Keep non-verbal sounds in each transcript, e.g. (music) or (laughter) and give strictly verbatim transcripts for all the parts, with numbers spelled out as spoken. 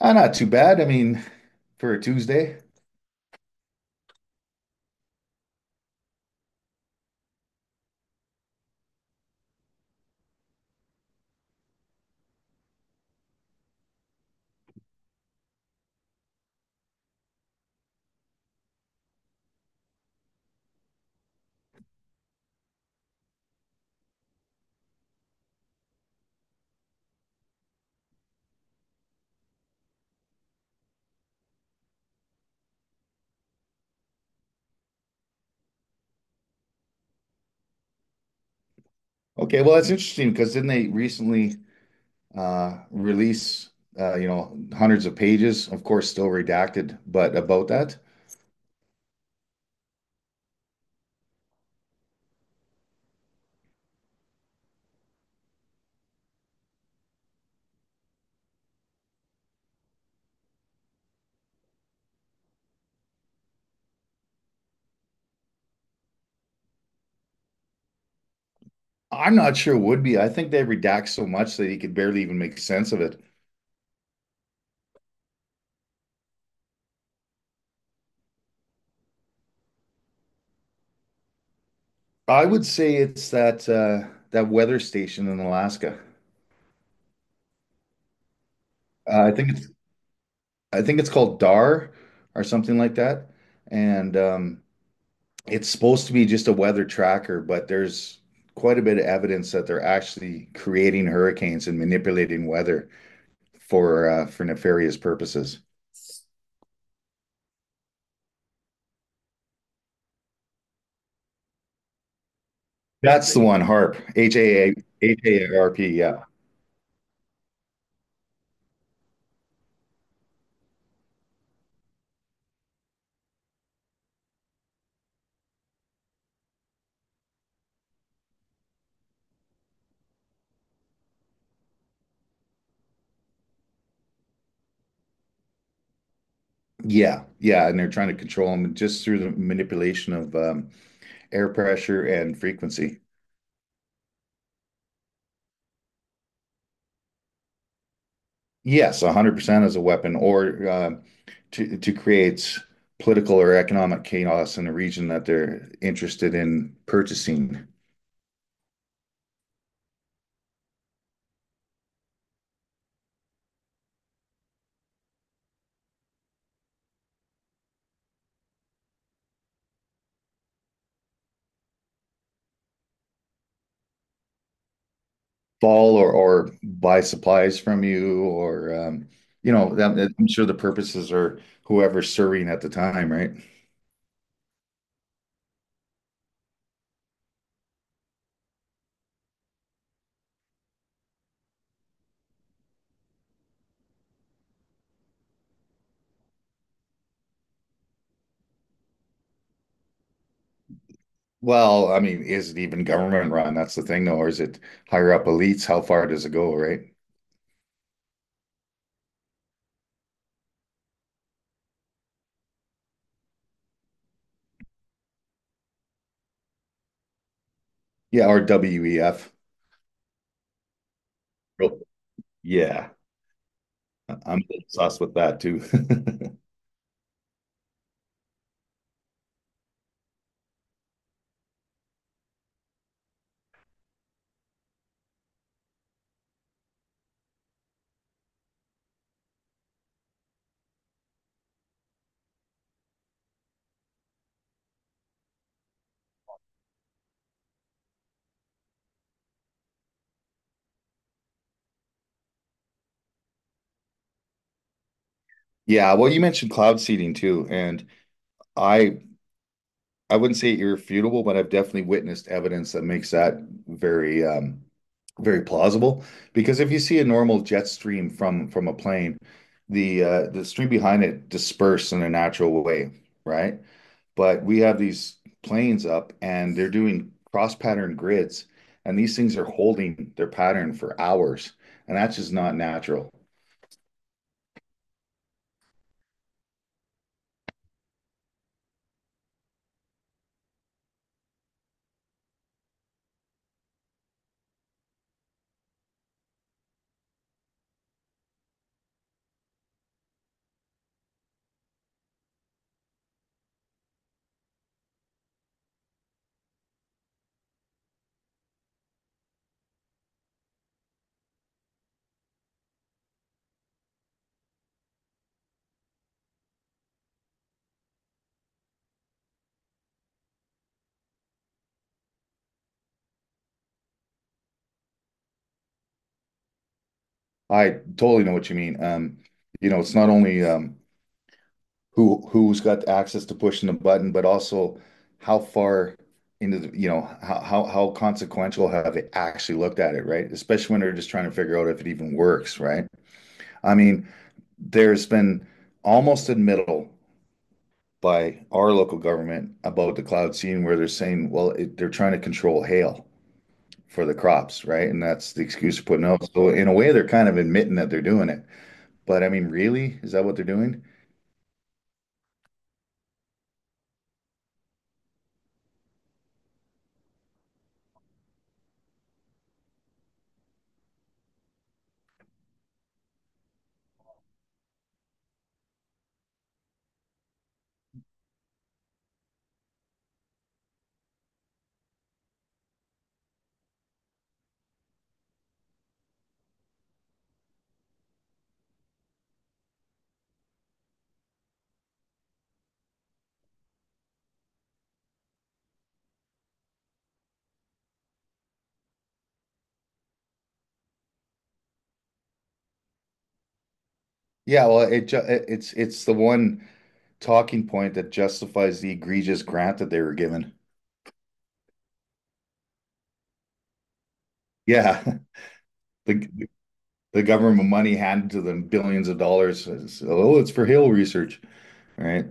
Uh, not too bad. I mean, for a Tuesday. Okay, well, that's interesting because didn't they recently uh, release uh, you know hundreds of pages, of course, still redacted, but about that? I'm not sure it would be. I think they redact so much that you could barely even make sense of it. I would say it's that uh, that weather station in Alaska. Uh, I think it's I think it's called D A R or something like that, and um, it's supposed to be just a weather tracker, but there's quite a bit of evidence that they're actually creating hurricanes and manipulating weather for uh, for nefarious purposes. That's the one, HARP, H A A H A R P. Yeah. Yeah, yeah, and they're trying to control them just through the manipulation of um, air pressure and frequency. Yes, one hundred percent as a weapon or uh, to to create political or economic chaos in a region that they're interested in purchasing, fall or or buy supplies from you or um, you know, that, that- I'm sure the purposes are whoever's serving at the time, right? Well, I mean, is it even government run? That's the thing, though, or is it higher up elites? How far does it go, right? Yeah, or W E F. Real- Yeah, I- am obsessed with that too. (laughs) Yeah, well, you mentioned cloud seeding too, and I I wouldn't say irrefutable, but I've definitely witnessed evidence that makes that very um very plausible. Because if you see a normal jet stream from from a plane, the uh the stream behind it disperses in a natural way, right? But we have these planes up, and they're doing cross-pattern grids, and these things are holding their pattern for hours, and that's just not natural. I totally know what you mean. Um, you know, it's not only um, who who's got access to pushing the button, but also how far into the, you know, how how how consequential have they actually looked at it, right? Especially when they're just trying to figure out if it even works, right? I mean, there's been almost a middle by our local government about the cloud seeding, where they're saying, well, it, they're trying to control hail for the crops, right? And that's the excuse they're putting out. So in a way, they're kind of admitting that they're doing it. But I mean, really, is that what they're doing? Yeah, well, it ju- it's it's the one talking point that justifies the egregious grant that they were given. Yeah, (laughs) the the government money handed to them billions of dollars. It's, oh, it's for hail research, right?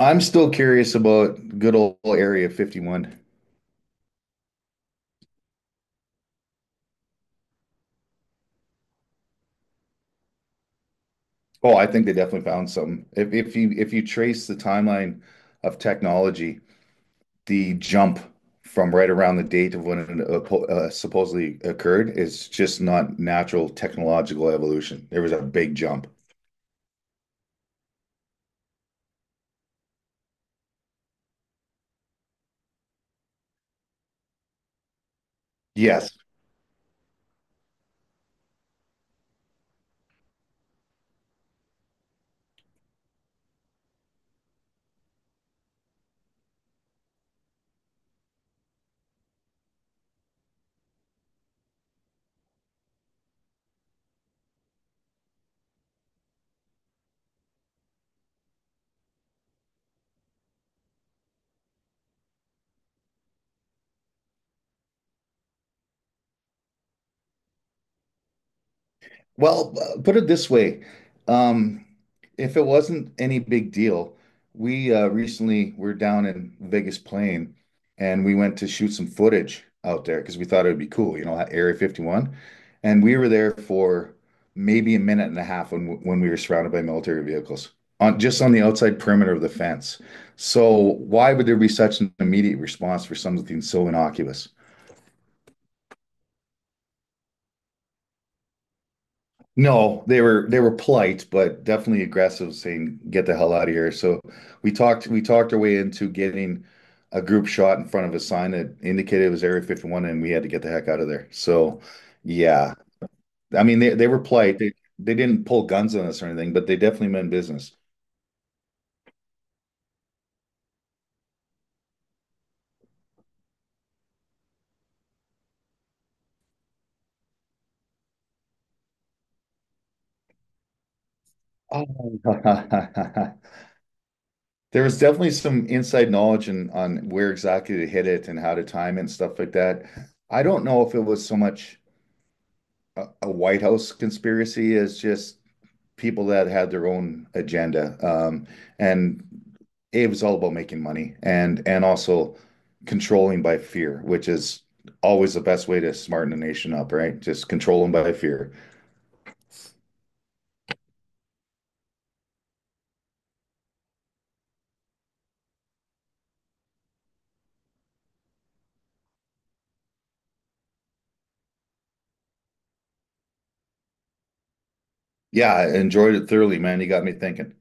I'm still curious about good old Area fifty-one. Oh, I think they definitely found some. If if you if you trace the timeline of technology, the jump from right around the date of when it uh, po- uh, supposedly occurred is just not natural technological evolution. There was a big jump. Yes. Well, uh, put it this way, um, if it wasn't any big deal, we uh, recently were down in Vegas Plain, and we went to shoot some footage out there because we thought it would be cool, you know, at Area fifty-one. And we were there for maybe a minute and a half when when we were surrounded by military vehicles on just on the outside perimeter of the fence. So why would there be such an immediate response for something so innocuous? No, they were they were polite, but definitely aggressive, saying "Get the hell out of here." So we talked we talked our way into getting a group shot in front of a sign that indicated it was Area fifty-one, and we had to get the heck out of there. So yeah, I mean they they were polite. They they didn't pull guns on us or anything, but they definitely meant business. Oh. (laughs) There was definitely some inside knowledge on on where exactly to hit it and how to time it and stuff like that. I don't know if it was so much a, a White House conspiracy as just people that had their own agenda. Um, And it was all about making money and and also controlling by fear, which is always the best way to smarten a nation up, right? Just control them by fear. Yeah, I enjoyed it thoroughly, man. You got me thinking.